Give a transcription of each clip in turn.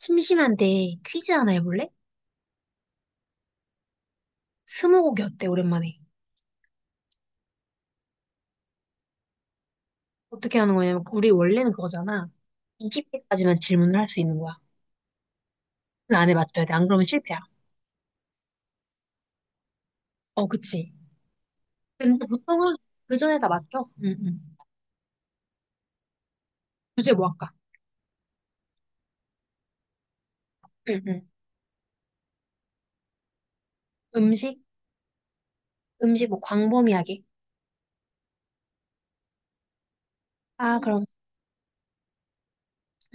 심심한데 퀴즈 하나 해볼래? 스무고개 어때, 오랜만에? 어떻게 하는 거냐면, 우리 원래는 그거잖아. 20개까지만 질문을 할 수 있는 거야. 그 안에 맞춰야 돼. 안 그러면 실패야. 어, 그치. 근데 보통은 그 전에 다 맞춰. 응, 응. 주제 뭐 할까? 응, 응. 음식? 음식 뭐 광범위하게. 아, 그럼,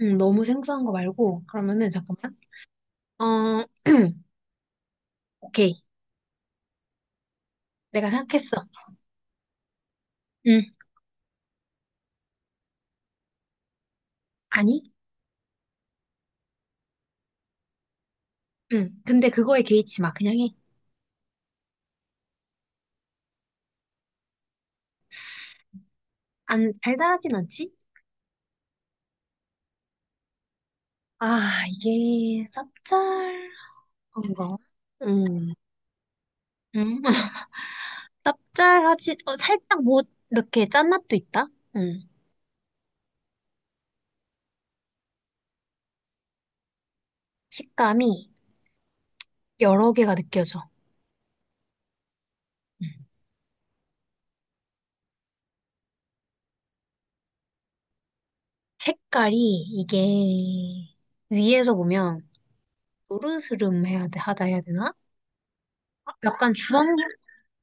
응, 너무 생소한 거 말고. 그러면은, 잠깐만. 어, 오케이. 내가 생각했어. 응, 아니? 응. 근데 그거에 개의치 마. 그냥 해. 안, 달달하진 않지? 아, 이게 쌉짤한 거 음, 응? 쌉짤하지, 어, 살짝 뭐, 이렇게 짠맛도 있다? 음, 식감이 여러 개가 느껴져. 음. 색깔이 이게 위에서 보면 노르스름해야 돼, 하다 해야 되나? 약간 주황,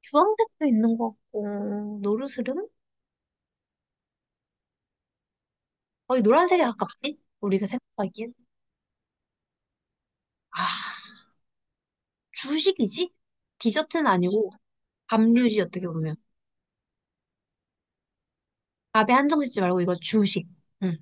주황색도 있는 것 같고, 노르스름? 거의 노란색에 가깝지? 우리가 생각하기엔. 아, 주식이지? 디저트는 아니고, 밥류지, 어떻게 보면. 밥에 한정 짓지 말고 이거 주식. 응.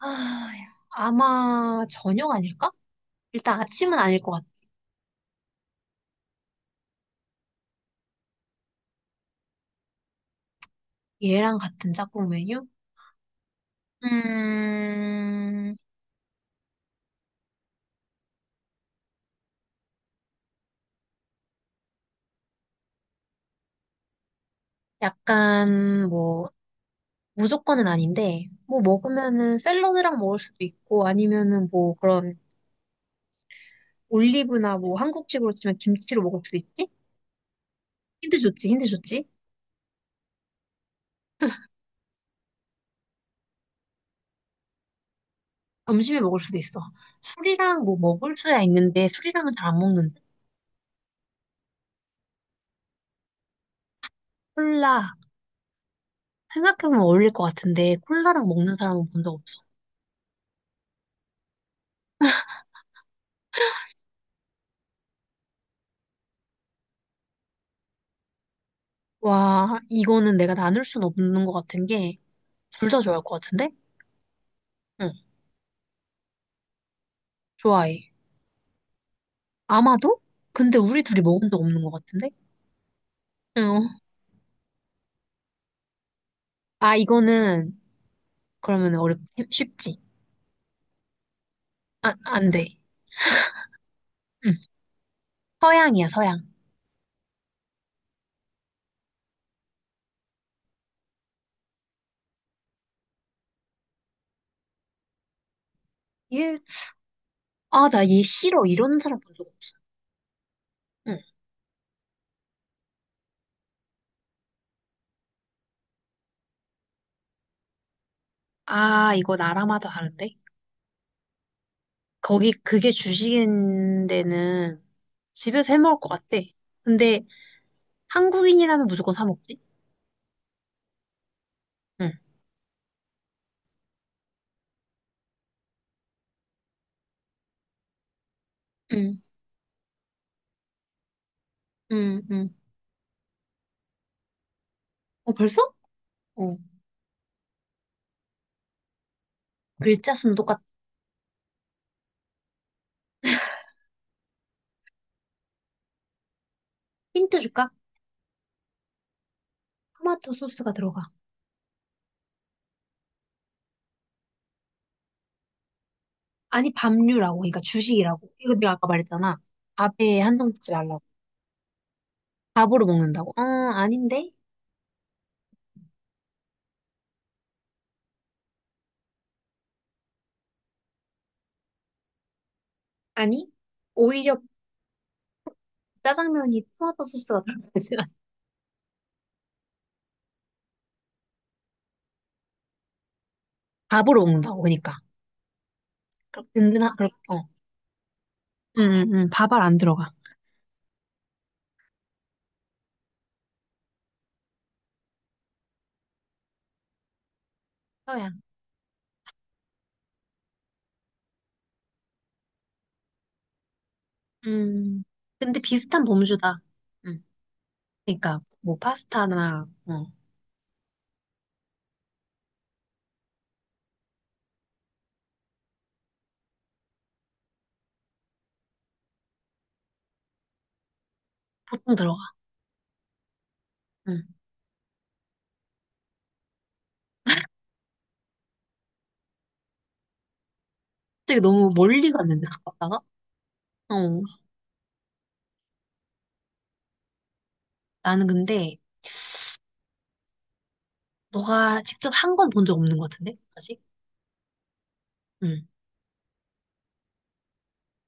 아, 야. 아마 저녁 아닐까? 일단 아침은 아닐 것 같아. 얘랑 같은 짝꿍 메뉴? 음, 약간 뭐 무조건은 아닌데 뭐 먹으면은 샐러드랑 먹을 수도 있고 아니면은 뭐 그런 올리브나 뭐 한국식으로 치면 김치로 먹을 수도 있지? 힌트 좋지, 힌트 좋지? 점심에 먹을 수도 있어. 술이랑 뭐 먹을 수야 있는데 술이랑은 잘 안 먹는데 콜라, 생각해보면 어울릴 것 같은데 콜라랑 먹는 사람은 본 적 없어. 와, 이거는 내가 나눌 순 없는 것 같은 게 둘 다 좋아할 것 같은데? 응, 좋아해. 아마도? 근데 우리 둘이 먹은 적 없는 것 같은데? 응. 아, 이거는 그러면 어렵 쉽지. 아, 안 돼. 응. 서양이야, 서양. 얘, 아, 나 얘 싫어. 이러는 사람 본 적 없어. 응. 아, 이거 나라마다 다른데? 거기 그게 주식인 데는 집에서 해 먹을 것 같대. 근데 한국인이라면 무조건 사 먹지? 응. 응, 응, 응. 어, 벌써? 어. 글자 수는 똑같. 힌트 줄까? 토마토 소스가 들어가. 아니, 밥류라고. 그러니까 주식이라고. 이거 내가 아까 말했잖아. 밥에 한정 짓지 말라고. 밥으로 먹는다고. 어, 아닌데? 아니? 오히려 짜장면이 토마토 소스가 들어가지 않아. 밥으로 먹는다고. 그러니까. 그럼 어. 응, 응, 응. 밥알 안 들어가. 서양. 음. 근데 비슷한 범주다. 응. 그러니까, 뭐, 파스타나, 어. 보통 들어가. 응. 갑자기 너무 멀리 갔는데, 가깝다가? 어, 나는 근데 너가 직접 한 건 본 적 없는 것 같은데? 아직? 응.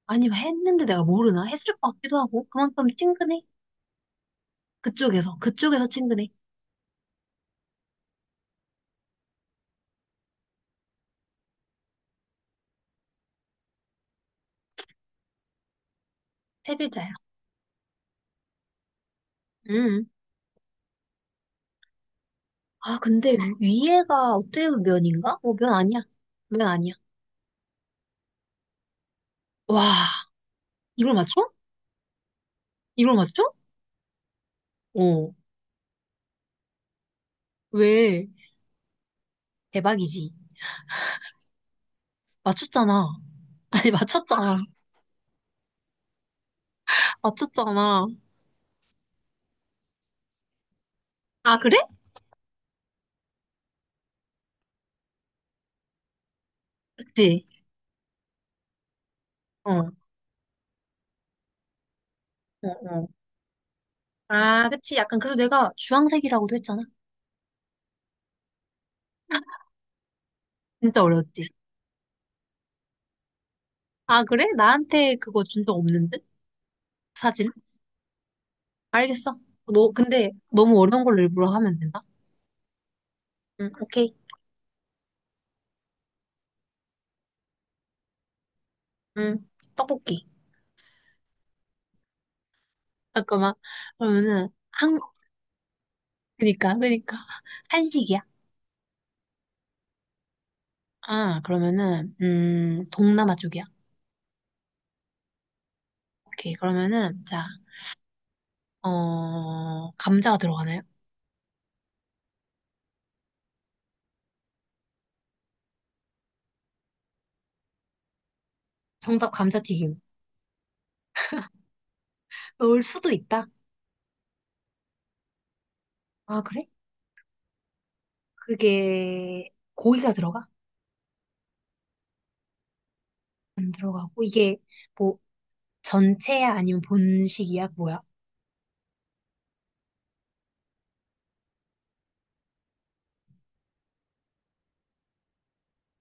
아니면 했는데 내가 모르나? 했을 것 같기도 하고 그만큼 친근해. 그쪽에서 친근해. 세 글자야. 응. 아 근데 위에가 어떻게 보면 면인가? 어, 면 아니야. 면 아니야. 와, 이걸 맞춰? 이걸 맞춰? 어. 왜? 대박이지. 맞췄잖아. 아니 맞췄잖아. 맞췄잖아. 아 그래? 그치? 어. 어, 어. 아, 그치. 약간 그래도 내가 주황색이라고도 했잖아. 진짜 어려웠지. 아, 그래? 나한테 그거 준 적 없는데? 사진? 알겠어. 너, 근데 너무 어려운 걸로 일부러 하면 된다? 응, 오케이. 응, 떡볶이. 잠깐만. 그러면은, 한, 그니까, 그니까. 한식이야? 아, 그러면은, 동남아 쪽이야? 오케이. 그러면은, 자, 어, 감자가 들어가나요? 정답 감자튀김. 넣을 수도 있다. 아, 그래? 그게, 고기가 들어가? 안 들어가고, 이게, 뭐, 전체야? 아니면 본식이야? 뭐야?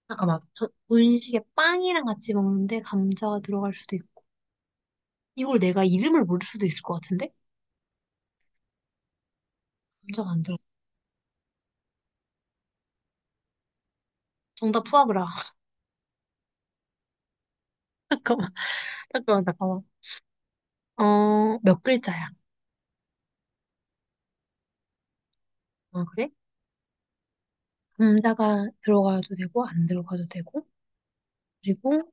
잠깐만. 저 분식에 빵이랑 같이 먹는데 감자가 들어갈 수도 있고. 이걸 내가 이름을 모를 수도 있을 것 같은데? 감자가 안 들어. 정답 푸아그라. 잠깐만, 잠깐만. 어, 몇 글자야? 아, 그래? 감자가 들어가도 되고, 안 들어가도 되고. 그리고,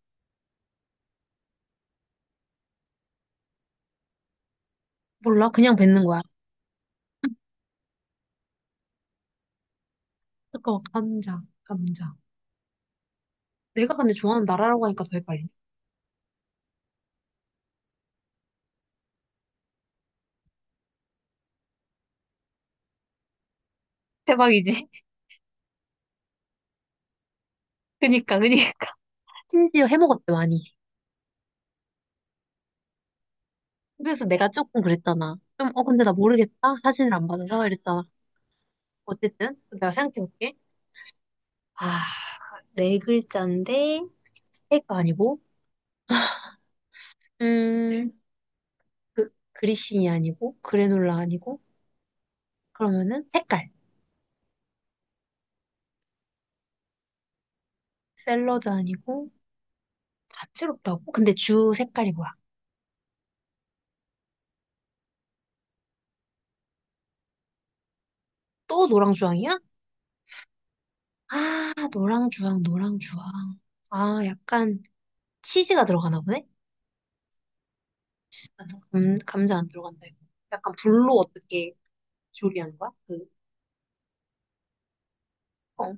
몰라. 그냥 뱉는 거야. 잠깐만, 감자, 감자. 내가 근데 좋아하는 나라라고 하니까 더 헷갈리네. 대박이지? 그니까, 그니까. 심지어 해먹었대, 많이. 그래서 내가 조금 그랬잖아. 좀, 어, 근데 나 모르겠다. 사진을 안 받아서 이랬잖아. 어쨌든, 내가 생각해볼게. 아, 네 글자인데, 스테이크 아니고, 음, 그, 그리신이 아니고, 그래놀라 아니고, 그러면은 색깔. 샐러드 아니고, 다채롭다고? 근데 주 색깔이 뭐야? 또 노랑주황이야? 아, 노랑주황, 노랑주황. 아, 약간 치즈가 들어가나 보네? 잠깐만, 감자 안 들어간다, 이거. 약간 불로 어떻게 조리하는 거야? 그, 어.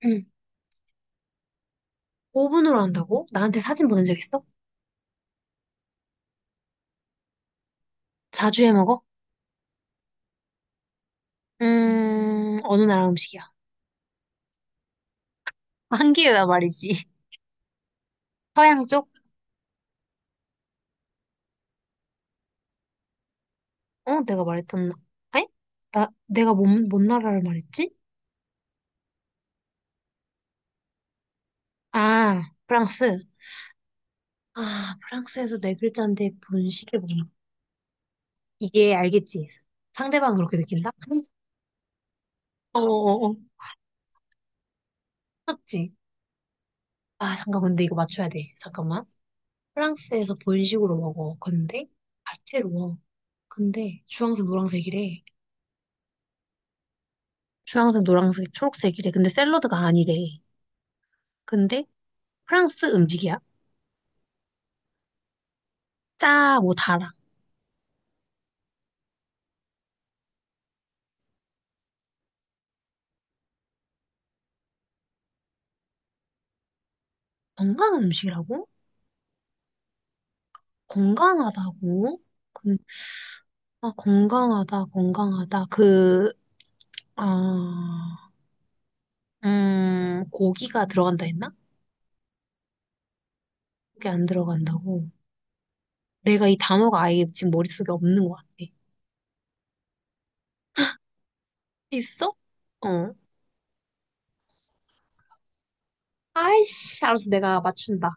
음. 오븐으로 한다고? 나한테 사진 보낸 적 있어? 자주 해 먹어? 어느 나라 음식이야? 한기회야 말이지. 서양 쪽? 어, 내가 말했던, 아니? 나, 내가 뭔 나라를 말했지? 아, 프랑스. 아, 프랑스에서 네 글자인데 본식이 뭐야? 이게 알겠지? 상대방 그렇게 느낀다? 어어어. 맞지? 아, 잠깐, 근데 이거 맞춰야 돼. 잠깐만. 프랑스에서 본식으로 먹어. 근데, 야채로. 근데, 주황색, 노란색이래. 주황색, 노란색, 초록색이래. 근데 샐러드가 아니래. 근데, 프랑스 음식이야. 짜, 뭐, 달아. 건강한 음식이라고? 건강하다고? 근- 아, 건강하다, 건강하다. 그, 아, 고기가 들어간다 했나? 고기 안 들어간다고. 내가 이 단어가 아예 지금 머릿속에 없는 것 같아. 있어? 어. 아이씨, 알았어. 내가 맞춘다.